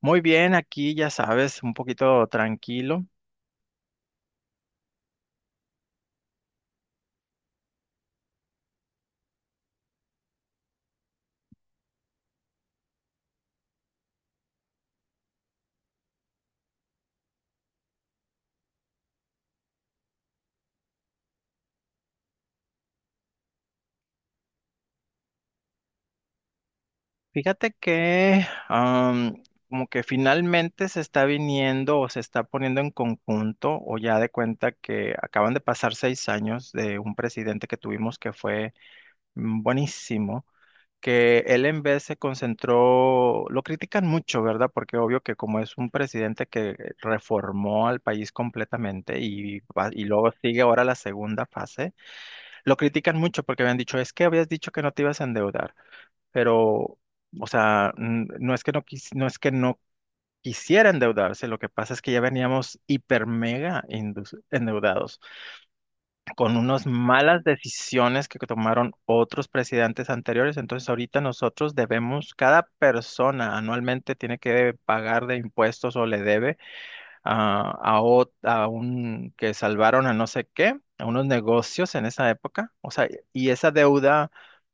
Muy bien, aquí ya sabes, un poquito tranquilo. Fíjate que como que finalmente se está viniendo o se está poniendo en conjunto o ya de cuenta que acaban de pasar 6 años de un presidente que tuvimos que fue buenísimo, que él en vez se concentró, lo critican mucho, ¿verdad? Porque obvio que como es un presidente que reformó al país completamente y, y luego sigue ahora la segunda fase. Lo critican mucho porque habían dicho, es que habías dicho que no te ibas a endeudar, pero, o sea, no es que no quisiera endeudarse, lo que pasa es que ya veníamos hiper mega endeudados con unas malas decisiones que tomaron otros presidentes anteriores. Entonces ahorita nosotros debemos, cada persona anualmente tiene que pagar de impuestos o le debe a, a un que salvaron a no sé qué, a unos negocios en esa época, o sea, y esa deuda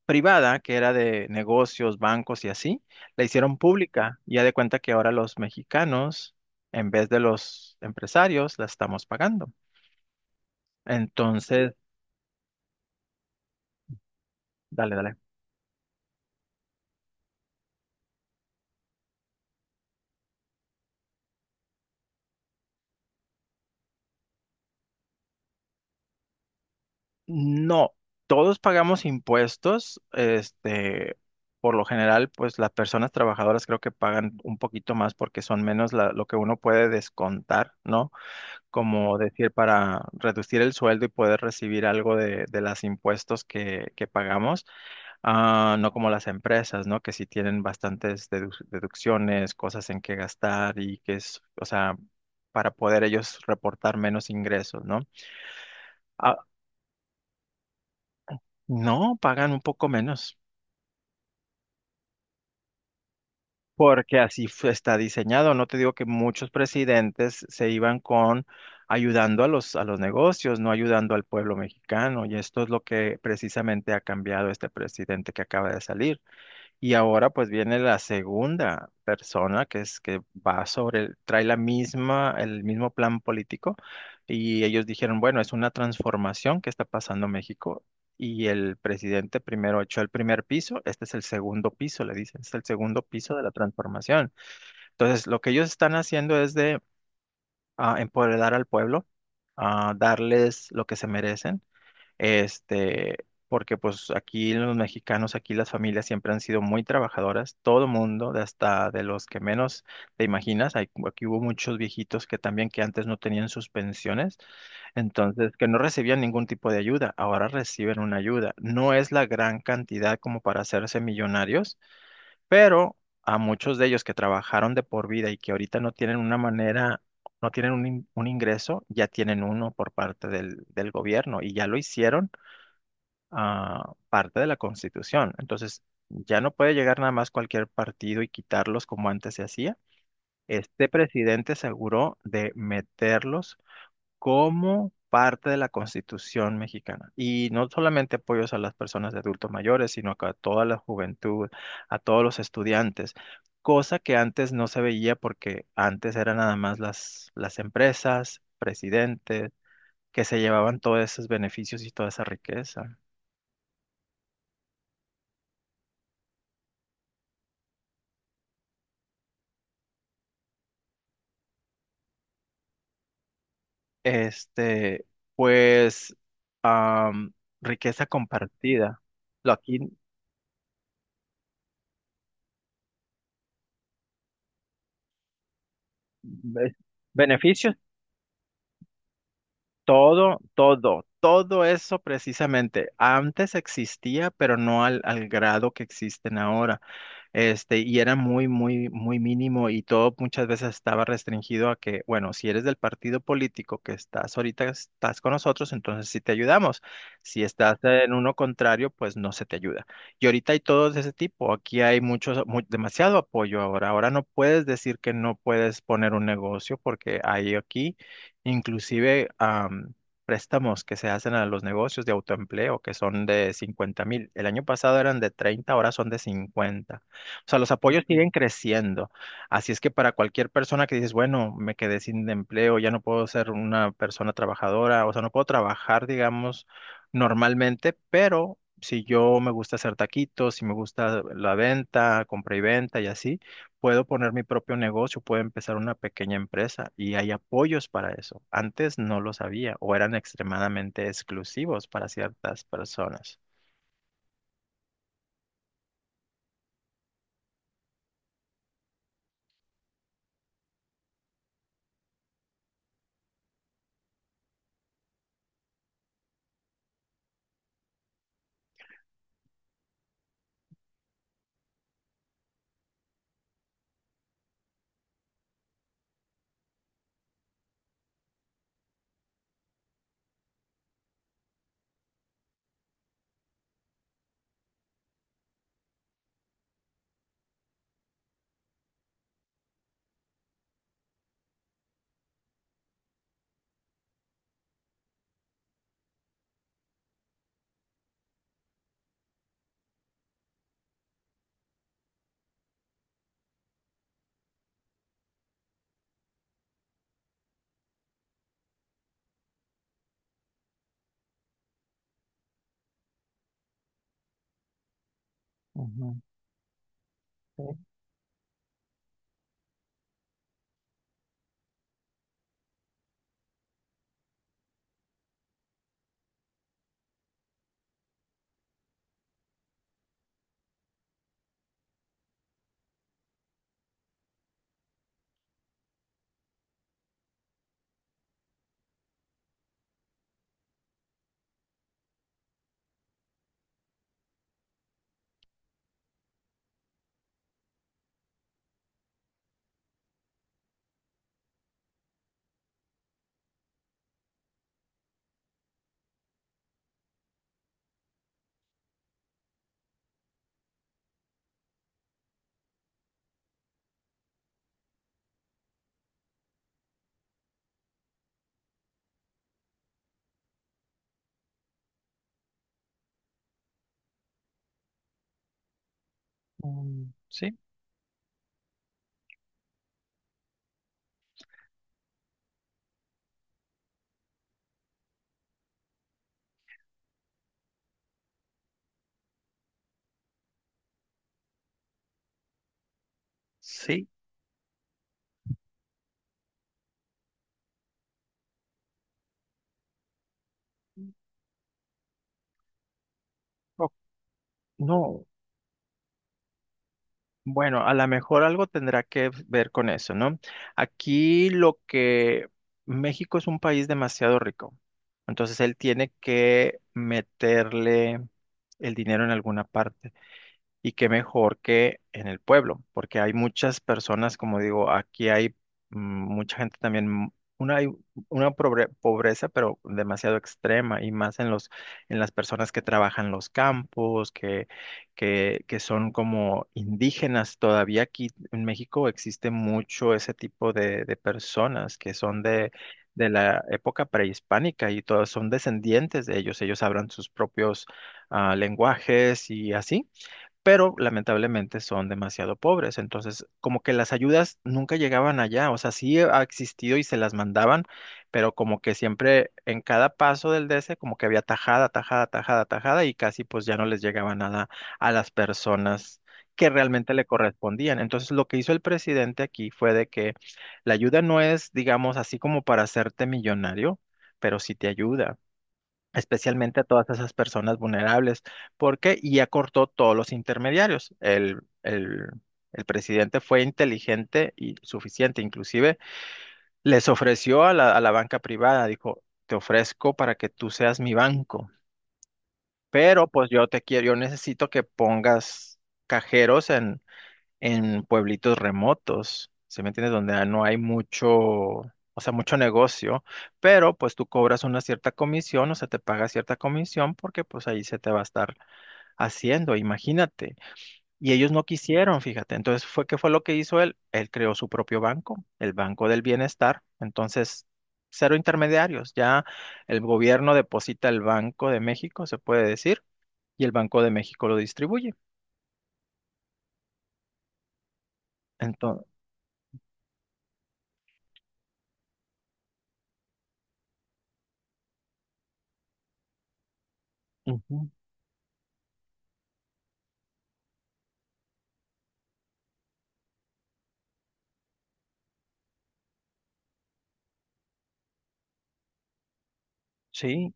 privada que era de negocios, bancos y así, la hicieron pública. Ya de cuenta que ahora los mexicanos, en vez de los empresarios, la estamos pagando. Entonces, dale, dale. No, todos pagamos impuestos, este, por lo general, pues las personas trabajadoras creo que pagan un poquito más porque son menos lo que uno puede descontar, ¿no? Como decir, para reducir el sueldo y poder recibir algo de los impuestos que pagamos. Ah, no como las empresas, ¿no? Que sí tienen bastantes deducciones, cosas en que gastar y que es, o sea, para poder ellos reportar menos ingresos, ¿no? Ah, no, pagan un poco menos. Porque así está diseñado. No te digo que muchos presidentes se iban con ayudando a a los negocios, no ayudando al pueblo mexicano. Y esto es lo que precisamente ha cambiado este presidente que acaba de salir. Y ahora pues viene la segunda persona que es que va sobre, el- trae la misma, el mismo plan político y ellos dijeron, bueno, es una transformación que está pasando en México y el presidente primero echó el primer piso, este es el segundo piso, le dicen, es el segundo piso de la transformación. Entonces, lo que ellos están haciendo es de empoderar al pueblo, darles lo que se merecen este, porque pues aquí los mexicanos, aquí las familias siempre han sido muy trabajadoras, todo mundo, de hasta de los que menos te imaginas, aquí hubo muchos viejitos que también que antes no tenían sus pensiones, entonces que no recibían ningún tipo de ayuda, ahora reciben una ayuda. No es la gran cantidad como para hacerse millonarios, pero a muchos de ellos que trabajaron de por vida y que ahorita no tienen una manera no tienen un ingreso, ya tienen uno por parte del gobierno y ya lo hicieron parte de la Constitución. Entonces, ya no puede llegar nada más cualquier partido y quitarlos como antes se hacía. Este presidente aseguró de meterlos como parte de la Constitución mexicana. Y no solamente apoyos a las personas de adultos mayores, sino que a toda la juventud, a todos los estudiantes, cosa que antes no se veía porque antes eran nada más las empresas, presidentes, que se llevaban todos esos beneficios y toda esa riqueza. Este, pues, am, riqueza compartida. Lo aquí, be- beneficios, todo, todo, todo eso precisamente. Antes existía, pero no al grado que existen ahora. Este, y era muy, muy, muy mínimo y todo muchas veces estaba restringido a que, bueno, si eres del partido político que estás ahorita, estás con nosotros, entonces sí te ayudamos. Si estás en uno contrario, pues no se te ayuda. Y ahorita hay todos de ese tipo. Aquí hay muchos, demasiado apoyo ahora. Ahora no puedes decir que no puedes poner un negocio porque hay aquí inclusive préstamos que se hacen a los negocios de autoempleo que son de 50.000. El año pasado eran de 30, ahora son de 50, o sea, los apoyos siguen creciendo. Así es que para cualquier persona que dices, bueno, me quedé sin empleo, ya no puedo ser una persona trabajadora, o sea, no puedo trabajar, digamos, normalmente, pero si yo me gusta hacer taquitos, si me gusta la venta, compra y venta y así, puedo poner mi propio negocio, puedo empezar una pequeña empresa y hay apoyos para eso. Antes no lo sabía o eran extremadamente exclusivos para ciertas personas. Ujú. Sí. Mm, sí. Sí. No, bueno, a lo mejor algo tendrá que ver con eso, ¿no? Aquí lo que México es un país demasiado rico, entonces él tiene que meterle el dinero en alguna parte. Y qué mejor que en el pueblo, porque hay muchas personas, como digo, aquí hay mucha gente también, hay una pobreza, pero demasiado extrema, y más en los, en las personas que trabajan los campos, que son como indígenas. Todavía aquí en México existe mucho ese tipo de, personas que son de, la época prehispánica y todos son descendientes de ellos. Ellos hablan sus propios lenguajes y así pero lamentablemente son demasiado pobres. Entonces, como que las ayudas nunca llegaban allá, o sea, sí ha existido y se las mandaban, pero como que siempre en cada paso del DC, como que había tajada, tajada, tajada, tajada, y casi pues ya no les llegaba nada a las personas que realmente le correspondían. Entonces, lo que hizo el presidente aquí fue de que la ayuda no es, digamos, así como para hacerte millonario, pero sí te ayuda especialmente a todas esas personas vulnerables, porque ya cortó todos los intermediarios. El presidente fue inteligente y suficiente, inclusive les ofreció a a la banca privada, dijo, te ofrezco para que tú seas mi banco, pero pues yo te quiero, yo necesito que pongas cajeros en pueblitos remotos, ¿sí me entiendes? Donde no hay mucho, o sea, mucho negocio, pero pues tú cobras una cierta comisión, o sea, te paga cierta comisión porque pues ahí se te va a estar haciendo, imagínate. Y ellos no quisieron, fíjate. Entonces fue, ¿qué fue lo que hizo él? Él creó su propio banco, el Banco del Bienestar. Entonces, cero intermediarios. Ya el gobierno deposita el Banco de México, se puede decir, y el Banco de México lo distribuye. Entonces, sí.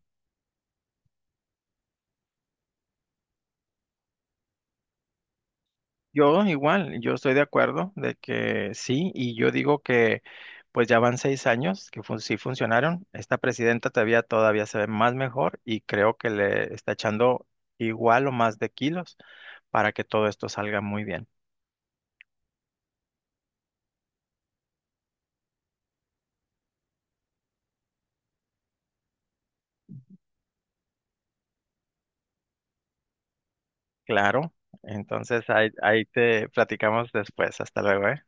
Yo igual, yo estoy de acuerdo de que sí, y yo digo que pues ya van 6 años que sí funcionaron. Esta presidenta todavía se ve más mejor y creo que le está echando igual o más de kilos para que todo esto salga muy bien. Claro, entonces ahí, ahí te platicamos después. Hasta luego, ¿eh?